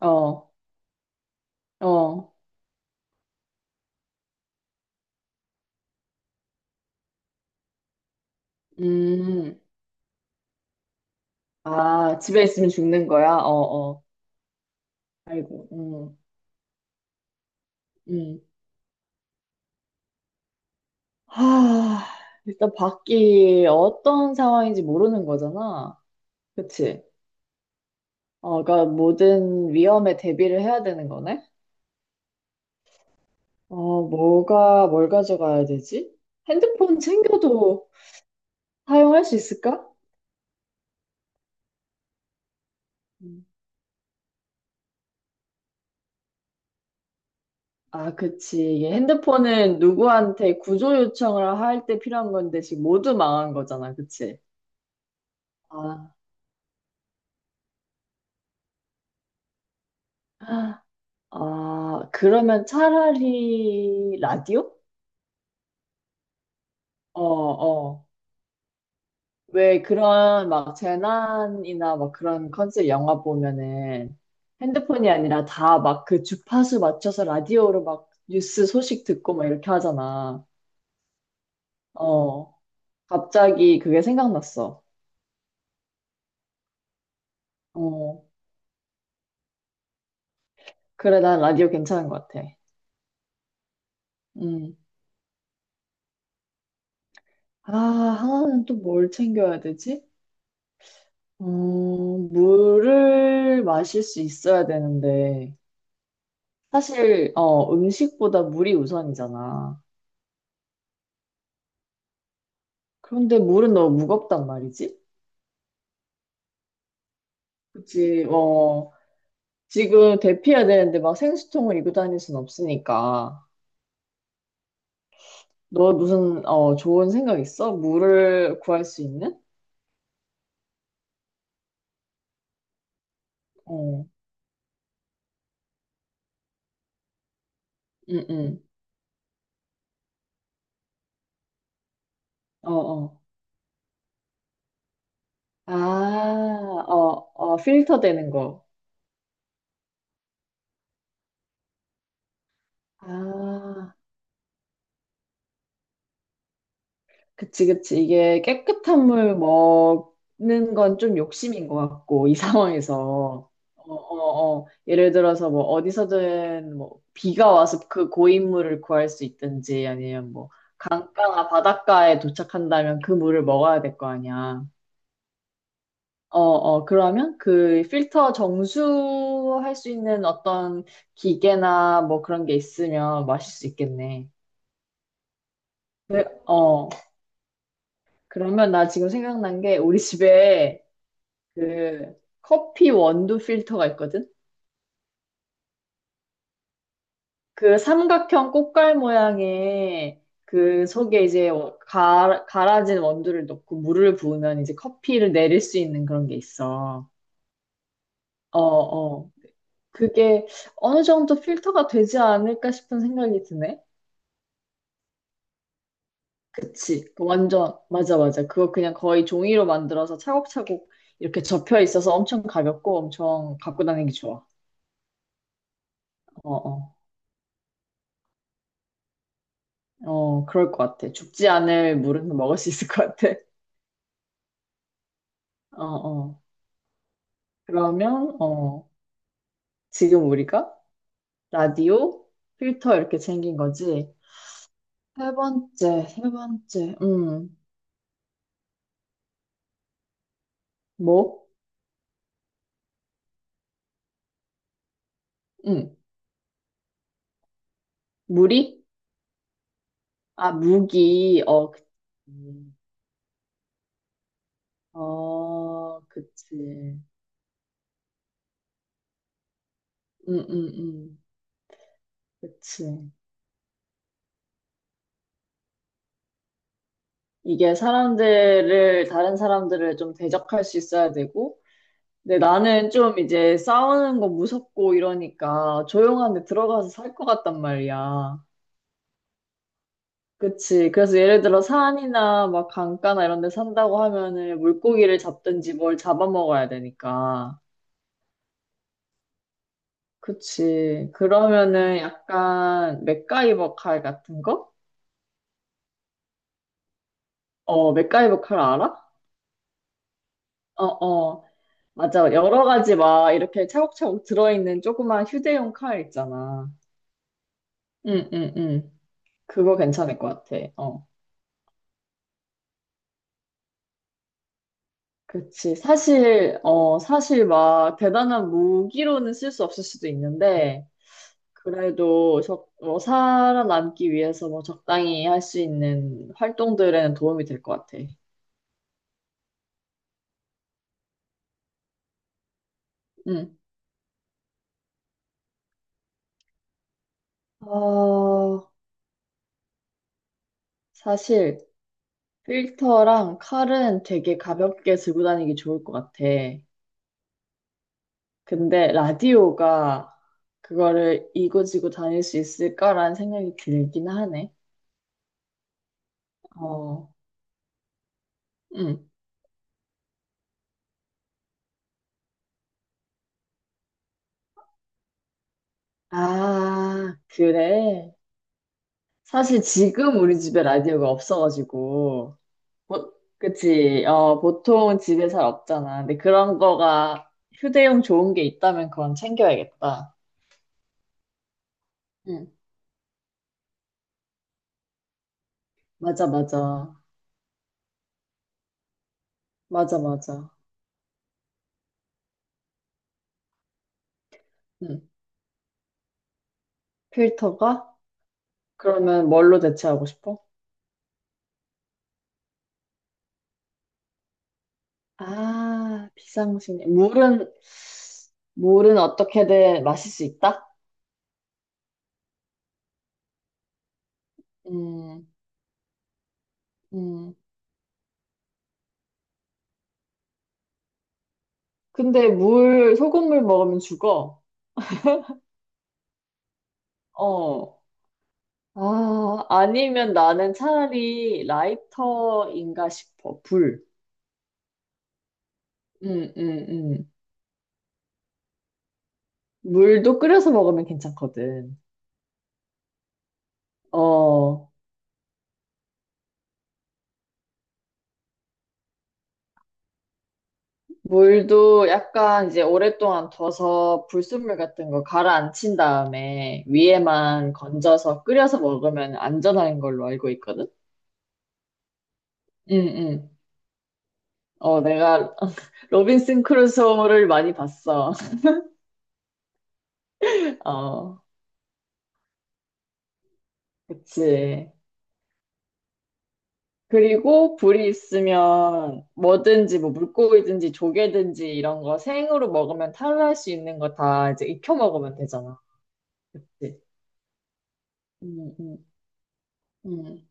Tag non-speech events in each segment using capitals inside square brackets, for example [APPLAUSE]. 어, 어, 음, 아, 집에 있으면 죽는 거야? 어, 어, 아이고, 음. 하, 일단 밖이 어떤 상황인지 모르는 거잖아. 그치? 어, 그러니까 모든 위험에 대비를 해야 되는 거네? 어, 뭘 가져가야 되지? 핸드폰 챙겨도 사용할 수 있을까? 음. 아, 그치. 이게 핸드폰은 누구한테 구조 요청을 할 때 필요한 건데 지금 모두 망한 거잖아. 그치? 아, 아, 그러면 차라리 라디오? 어, 어. 왜 그런 막 재난이나 막 그런 컨셉 영화 보면은 핸드폰이 아니라 다 막 그 주파수 맞춰서 라디오로 막 뉴스 소식 듣고 막 이렇게 하잖아. 어, 갑자기 그게 생각났어. 어, 그래, 난 라디오 괜찮은 것 같아. 음. 아, 하나는 또 뭘 챙겨야 되지? 어, 물을 마실 수 있어야 되는데. 사실, 어, 음식보다 물이 우선이잖아. 그런데 물은 너무 무겁단 말이지? 그치, 어, 지금 대피해야 되는데 막 생수통을 이고 다닐 순 없으니까. 너 무슨, 어, 좋은 생각 있어? 물을 구할 수 있는? 어, 응, 응, 어, 어. 아, 어, 어, 필터 되는 거. 아, 그치, 그치. 이게 깨끗한 물 먹는 건 좀 욕심인 것 같고, 이 [LAUGHS] 상황에서. 어, 어, 어. 예를 들어서 뭐 어디서든 뭐 비가 와서 그 고인물을 구할 수 있든지 아니면 뭐 강가나 바닷가에 도착한다면 그 물을 먹어야 될 거 아니야. 어, 어, 그러면 그 필터 정수할 수 있는 어떤 기계나 뭐 그런 게 있으면 마실 수 있겠네. 어, 그러면 나 지금 생각난 게 우리 집에 그 커피 원두 필터가 있거든? 그 삼각형 꽃갈 모양의 그 속에 이제 어, 갈아진 원두를 넣고 물을 부으면 이제 커피를 내릴 수 있는 그런 게 있어. 어, 어. 그게 어느 정도 필터가 되지 않을까 싶은 생각이 드네. 그치. 그 완전, 맞아, 맞아. 그거 그냥 거의 종이로 만들어서 차곡차곡 이렇게 접혀 있어서 엄청 가볍고 엄청 갖고 다니기 좋아. 어, 어. 어, 그럴 것 같아. 죽지 않을 물은 먹을 수 있을 것 같아. 어, 어. 그러면, 어, 지금 우리가 라디오, 필터 이렇게 챙긴 거지. 세 번째, 뭐? 음, 무리? 아, 무기, 어, 그치. 어, 그치. 음, 음, 그치. 이게 다른 사람들을 좀 대적할 수 있어야 되고, 근데 나는 좀 이제 싸우는 거 무섭고 이러니까 조용한 데 들어가서 살 것 같단 말이야. 그치. 그래서 예를 들어 산이나 막 강가나 이런 데 산다고 하면은 물고기를 잡든지 뭘 잡아먹어야 되니까. 그치. 그러면은 약간 맥가이버 칼 같은 거? 어, 맥가이버 칼 알아? 어, 어. 맞아. 여러 가지 막 이렇게 차곡차곡 들어있는 조그만 휴대용 칼 있잖아. 응, 응, 응. 그거 괜찮을 것 같아. 어. 그치. 사실, 어, 사실 막 대단한 무기로는 쓸 수 없을 수도 있는데, 그래도 적, 뭐 살아남기 위해서 뭐 적당히 할 수 있는 활동들에는 도움이 될 것 같아. 응. 어, 사실 필터랑 칼은 되게 가볍게 들고 다니기 좋을 것 같아. 근데 라디오가 그거를 이고지고 다닐 수 있을까라는 생각이 들긴 하네. 어, 응. 아, 그래. 사실 지금 우리 집에 라디오가 없어가지고. 뭐, 그치. 어, 보통 집에 잘 없잖아. 근데 그런 거가 휴대용 좋은 게 있다면 그건 챙겨야겠다. 응. 맞아, 맞아. 맞아, 맞아. 응. 필터가? 그러면 뭘로 대체하고 싶어? 아, 물은 어떻게든 마실 수 있다? 음, 음. 근데 소금물 먹으면 죽어. 어. 아, 아니면 나는 차라리 라이터인가 싶어. 불. 음, 음, 음. 물도 끓여서 먹으면 괜찮거든. 어, 물도 약간 이제 오랫동안 둬서 불순물 같은 거 가라앉힌 다음에 위에만 건져서 끓여서 먹으면 안전한 걸로 알고 있거든? 응, 응. 어, 내가 [LAUGHS] 로빈슨 크루소를 많이 봤어. [LAUGHS] 어, 그치. 그리고 불이 있으면 뭐든지 뭐 물고기든지 조개든지 이런 거 생으로 먹으면 탈할 수 있는 거 다 이제 익혀 먹으면 되잖아. 그치. 음, 음, 음.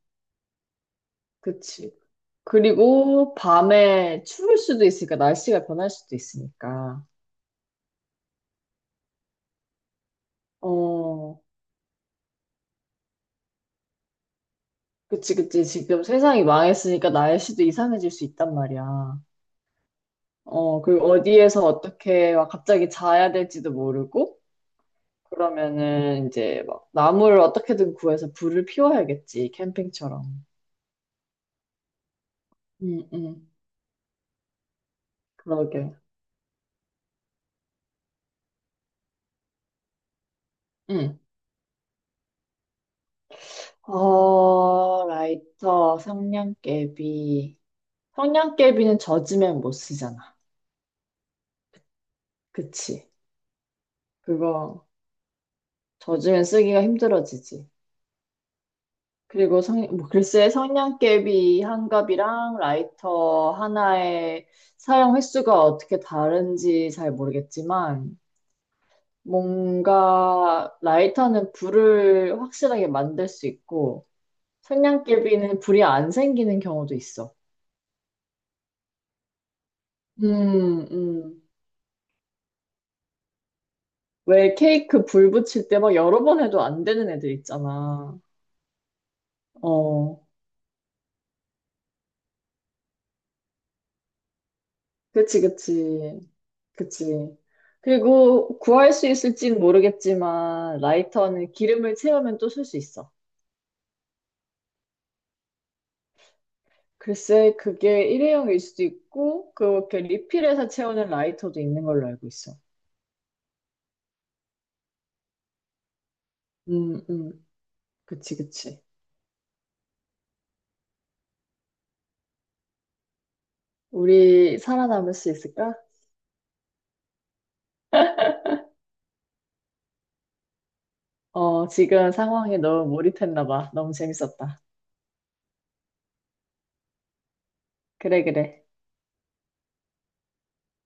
그치. 그리고 밤에 추울 수도 있으니까 날씨가 변할 수도 있으니까. 어, 그치, 그치. 지금 세상이 망했으니까 날씨도 이상해질 수 있단 말이야. 어, 그리고 어디에서 어떻게 막 갑자기 자야 될지도 모르고, 그러면은 이제 막 나무를 어떻게든 구해서 불을 피워야겠지, 캠핑처럼. 응, 응, 그러게. 응. 어, 라이터, 성냥개비. 성냥개비는 젖으면 못 쓰잖아. 그치? 그거 젖으면 쓰기가 힘들어지지. 그리고 뭐 글쎄 성냥개비 한 갑이랑 라이터 하나의 사용 횟수가 어떻게 다른지 잘 모르겠지만 뭔가 라이터는 불을 확실하게 만들 수 있고 성냥개비는 불이 안 생기는 경우도 있어. 음, 음. 왜 케이크 불 붙일 때 막 여러 번 해도 안 되는 애들 있잖아. 어. 그치, 그치. 그리고 구할 수 있을진 모르겠지만, 라이터는 기름을 채우면 또 쓸 수 있어. 글쎄, 그게 일회용일 수도 있고, 그렇게 리필해서 채우는 라이터도 있는 걸로 알고 있어. 음, 음, 그치, 그치. 우리 살아남을 수 있을까? 어, 지금 상황에 너무 몰입했나 봐. 너무 재밌었다. 그래, 그래.